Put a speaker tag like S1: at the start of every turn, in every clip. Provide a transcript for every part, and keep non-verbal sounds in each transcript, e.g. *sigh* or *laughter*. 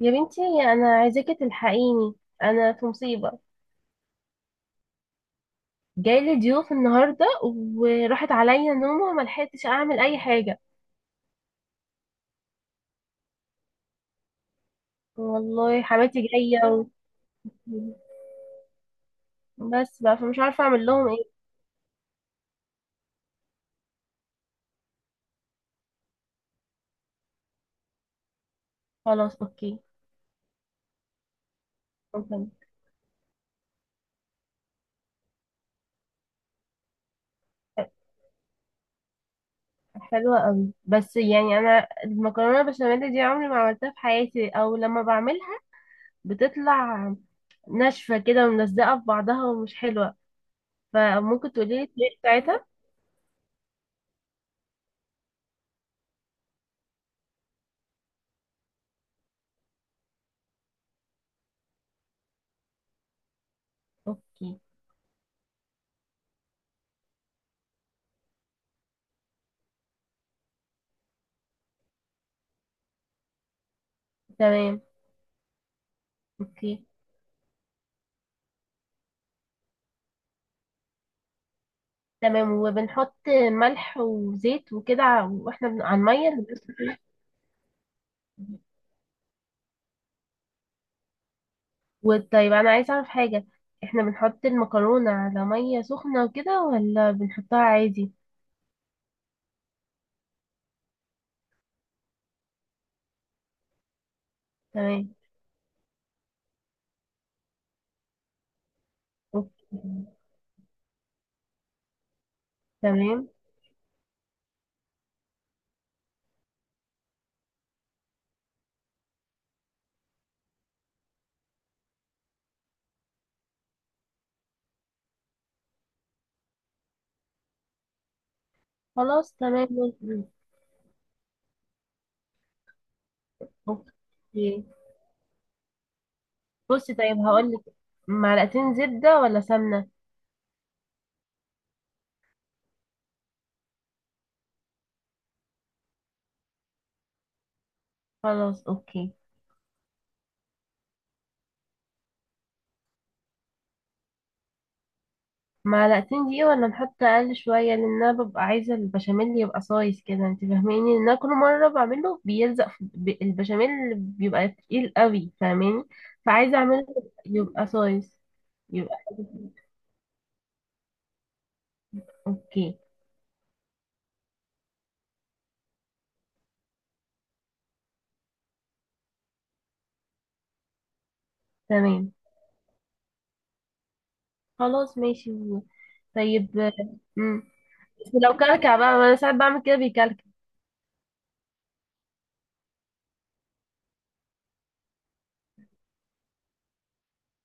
S1: يا بنتي، انا عايزاكي تلحقيني. انا في مصيبه. جايلي ضيوف النهارده وراحت عليا نومه وما لحقتش اعمل اي حاجه. والله حماتي جايه. بس بقى فمش عارفه اعمل لهم ايه. خلاص اوكي. ممكن؟ حلوه قوي، بس يعني انا المكرونه البشاميل دي عمري ما عملتها في حياتي، او لما بعملها بتطلع ناشفه كده وملزقه في بعضها ومش حلوه. فممكن تقولي لي الطريقه بتاعتها. اوكي. تمام. اوكي. تمام وبنحط ملح وزيت وكده واحنا على المية اللي بتسخن. وطيب، انا عايزة اعرف حاجة. احنا بنحط المكرونة على مية سخنة وكده، ولا بنحطها عادي؟ تمام. اوكي. تمام. خلاص. تمام. اوكي. بصي طيب هقولك: معلقتين زبدة ولا سمنة؟ خلاص اوكي. معلقتين دي ولا نحط اقل شويه؟ لان انا ببقى عايزه البشاميل يبقى صايص كده، انت فاهماني؟ ان انا كل مره بعمله بيلزق في البشاميل، بيبقى تقيل قوي، فاهماني؟ فعايزه اعمله يبقى صايص، يبقى حلو. اوكي. تمام. خلاص ماشي. طيب. امم بس لو كلكع بقى، ما انا ساعات بعمل كده بيكلكع.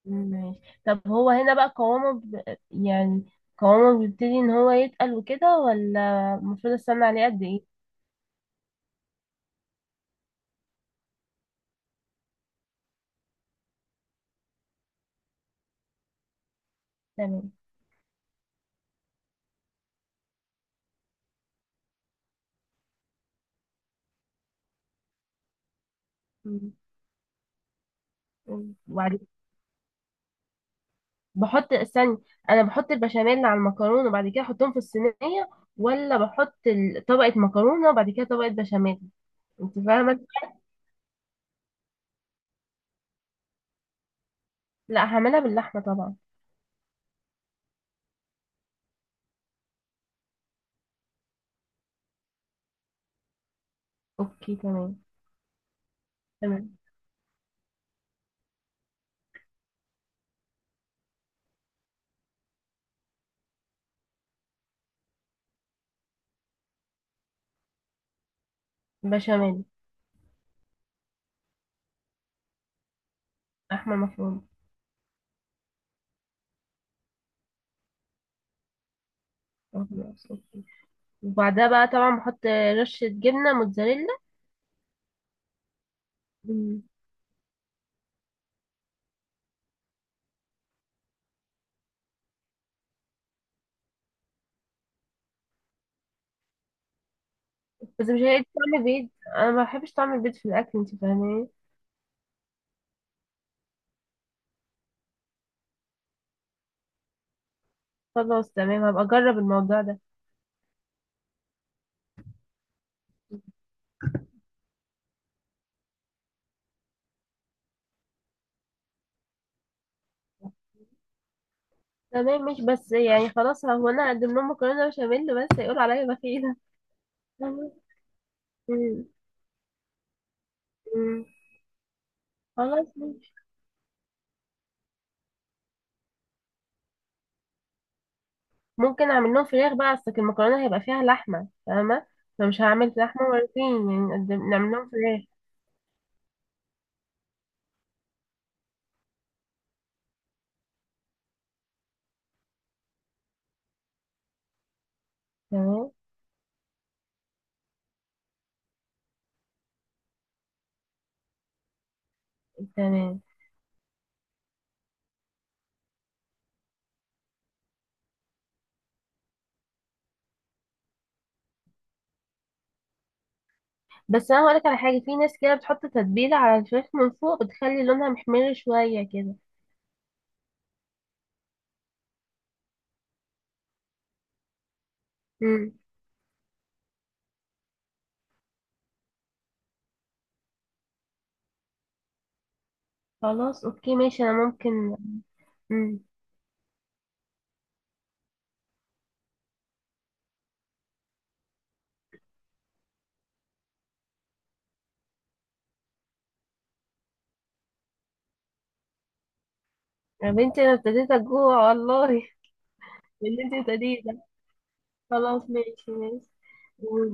S1: ماشي. طب هو هنا بقى قوامه يعني قوامه بيبتدي ان هو يتقل وكده، ولا المفروض استنى عليه قد ايه؟ تمام. مم. وبعد كده استني، انا بحط البشاميل على المكرونه وبعد كده احطهم في الصينيه، ولا بحط طبقه مكرونه وبعد كده طبقه بشاميل؟ انت فاهمه؟ لا، هعملها باللحمه طبعا. اوكي تمام. تمام. بشاميل. لحمه مفرومه. آه، خلاص اوكي. وبعدها بقى طبعا بحط رشه جبنه موتزاريلا. مم. بس مش هيبقى طعم بيض؟ انا ما بحبش طعم البيض في الاكل، انت فاهمه؟ خلاص تمام، هبقى اجرب الموضوع ده. تمام، مش بس يعني خلاص هو انا هقدم لهم مكرونه بشاميل بس، يقولوا عليا بخيله؟ فاهمة؟ *laughs* مم. مم. خلاص ماشي. ممكن اعمل لهم فراخ بقى، اصل المكرونه هيبقى فيها لحمه، فاهمه؟ فمش هعمل لحمه مرتين يعني، نقدم نعمل لهم فراخ. تمام. تمام. بس انا هقولك على حاجه، في ناس كده بتحط تتبيله على الفراخ من فوق، بتخلي لونها محمر شويه كده. مم. خلاص اوكي ماشي، انا ممكن. مم. يا بنتي، انا ابتديت اجوع والله. *laughs* اللي انت ابتديت! خلاص ماشي، ماشي و...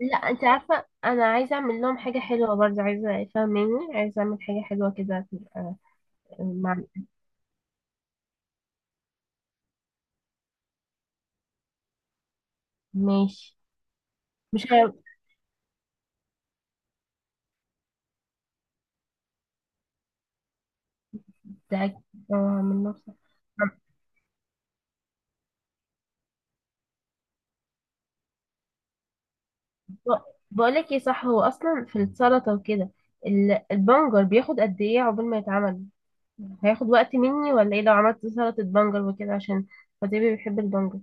S1: لا، انت عارفة انا عايزة اعمل لهم حاجة حلوة برضه، عايزة، فاهماني؟ عايزة اعمل حاجة حلوة كده. مع- ماشي. مش عارف- ده- آه، من نفسي. ب- بقولك ايه، صح هو اصلا في السلطة وكده، البنجر بياخد قد ايه عقبال ما يتعمل؟ هياخد وقت مني ولا ايه، لو عملت سلطة بنجر وكده عشان خطيبي بيحب البنجر؟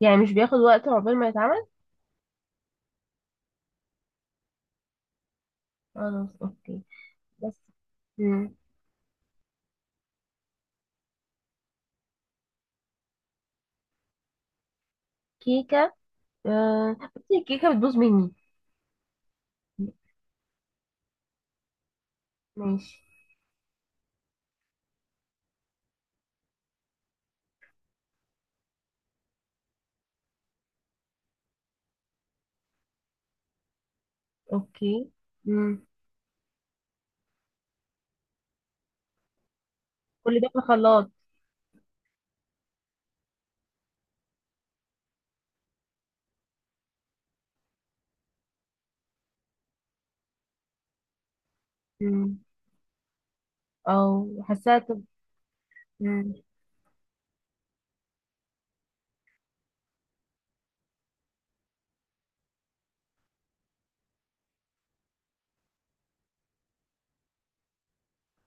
S1: يعني مش بياخد وقت عقبال ما يتعمل؟ خلاص اوكي. بس. مم. كيكة. آه، بس الكيكة بتبوظ مني. ماشي. اوكي. مم. كل ده في الخلاط. مم. او حاساها مم.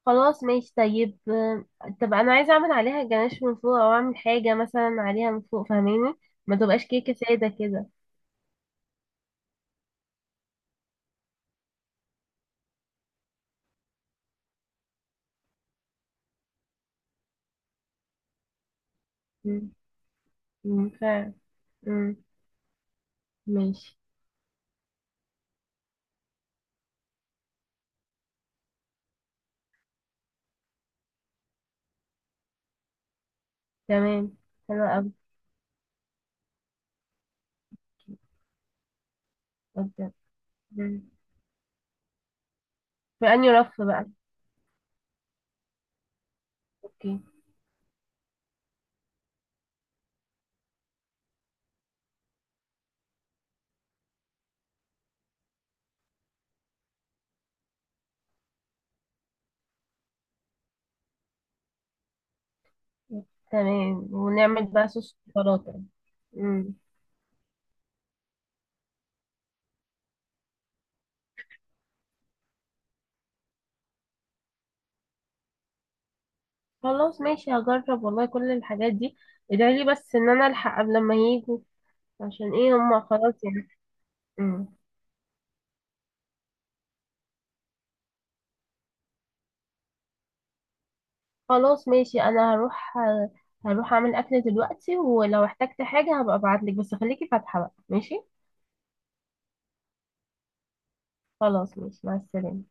S1: خلاص ماشي طيب، طب انا عايزة اعمل عليها جناش من فوق، او اعمل حاجة مثلا عليها من فوق، فاهماني؟ ما تبقاش كيكة سادة كده. مم. مم. فعلا. مم. ماشي. تمام. حلو اوي. قدام. مم. في انهي رف بقى؟ اوكي. تمام ونعمل بقى صوص شوكولاتة. مم. خلاص ماشي، هجرب والله كل الحاجات دي. ادعي لي بس ان انا الحق قبل ما يجوا، عشان ايه هما خلاص يعني. مم. خلاص ماشي، انا هروح. هروح اعمل اكل دلوقتي، ولو احتجت حاجة هبقى ابعتلك، بس خليكي فاتحة بقى، ماشي؟ خلاص ماشي، مع السلامة.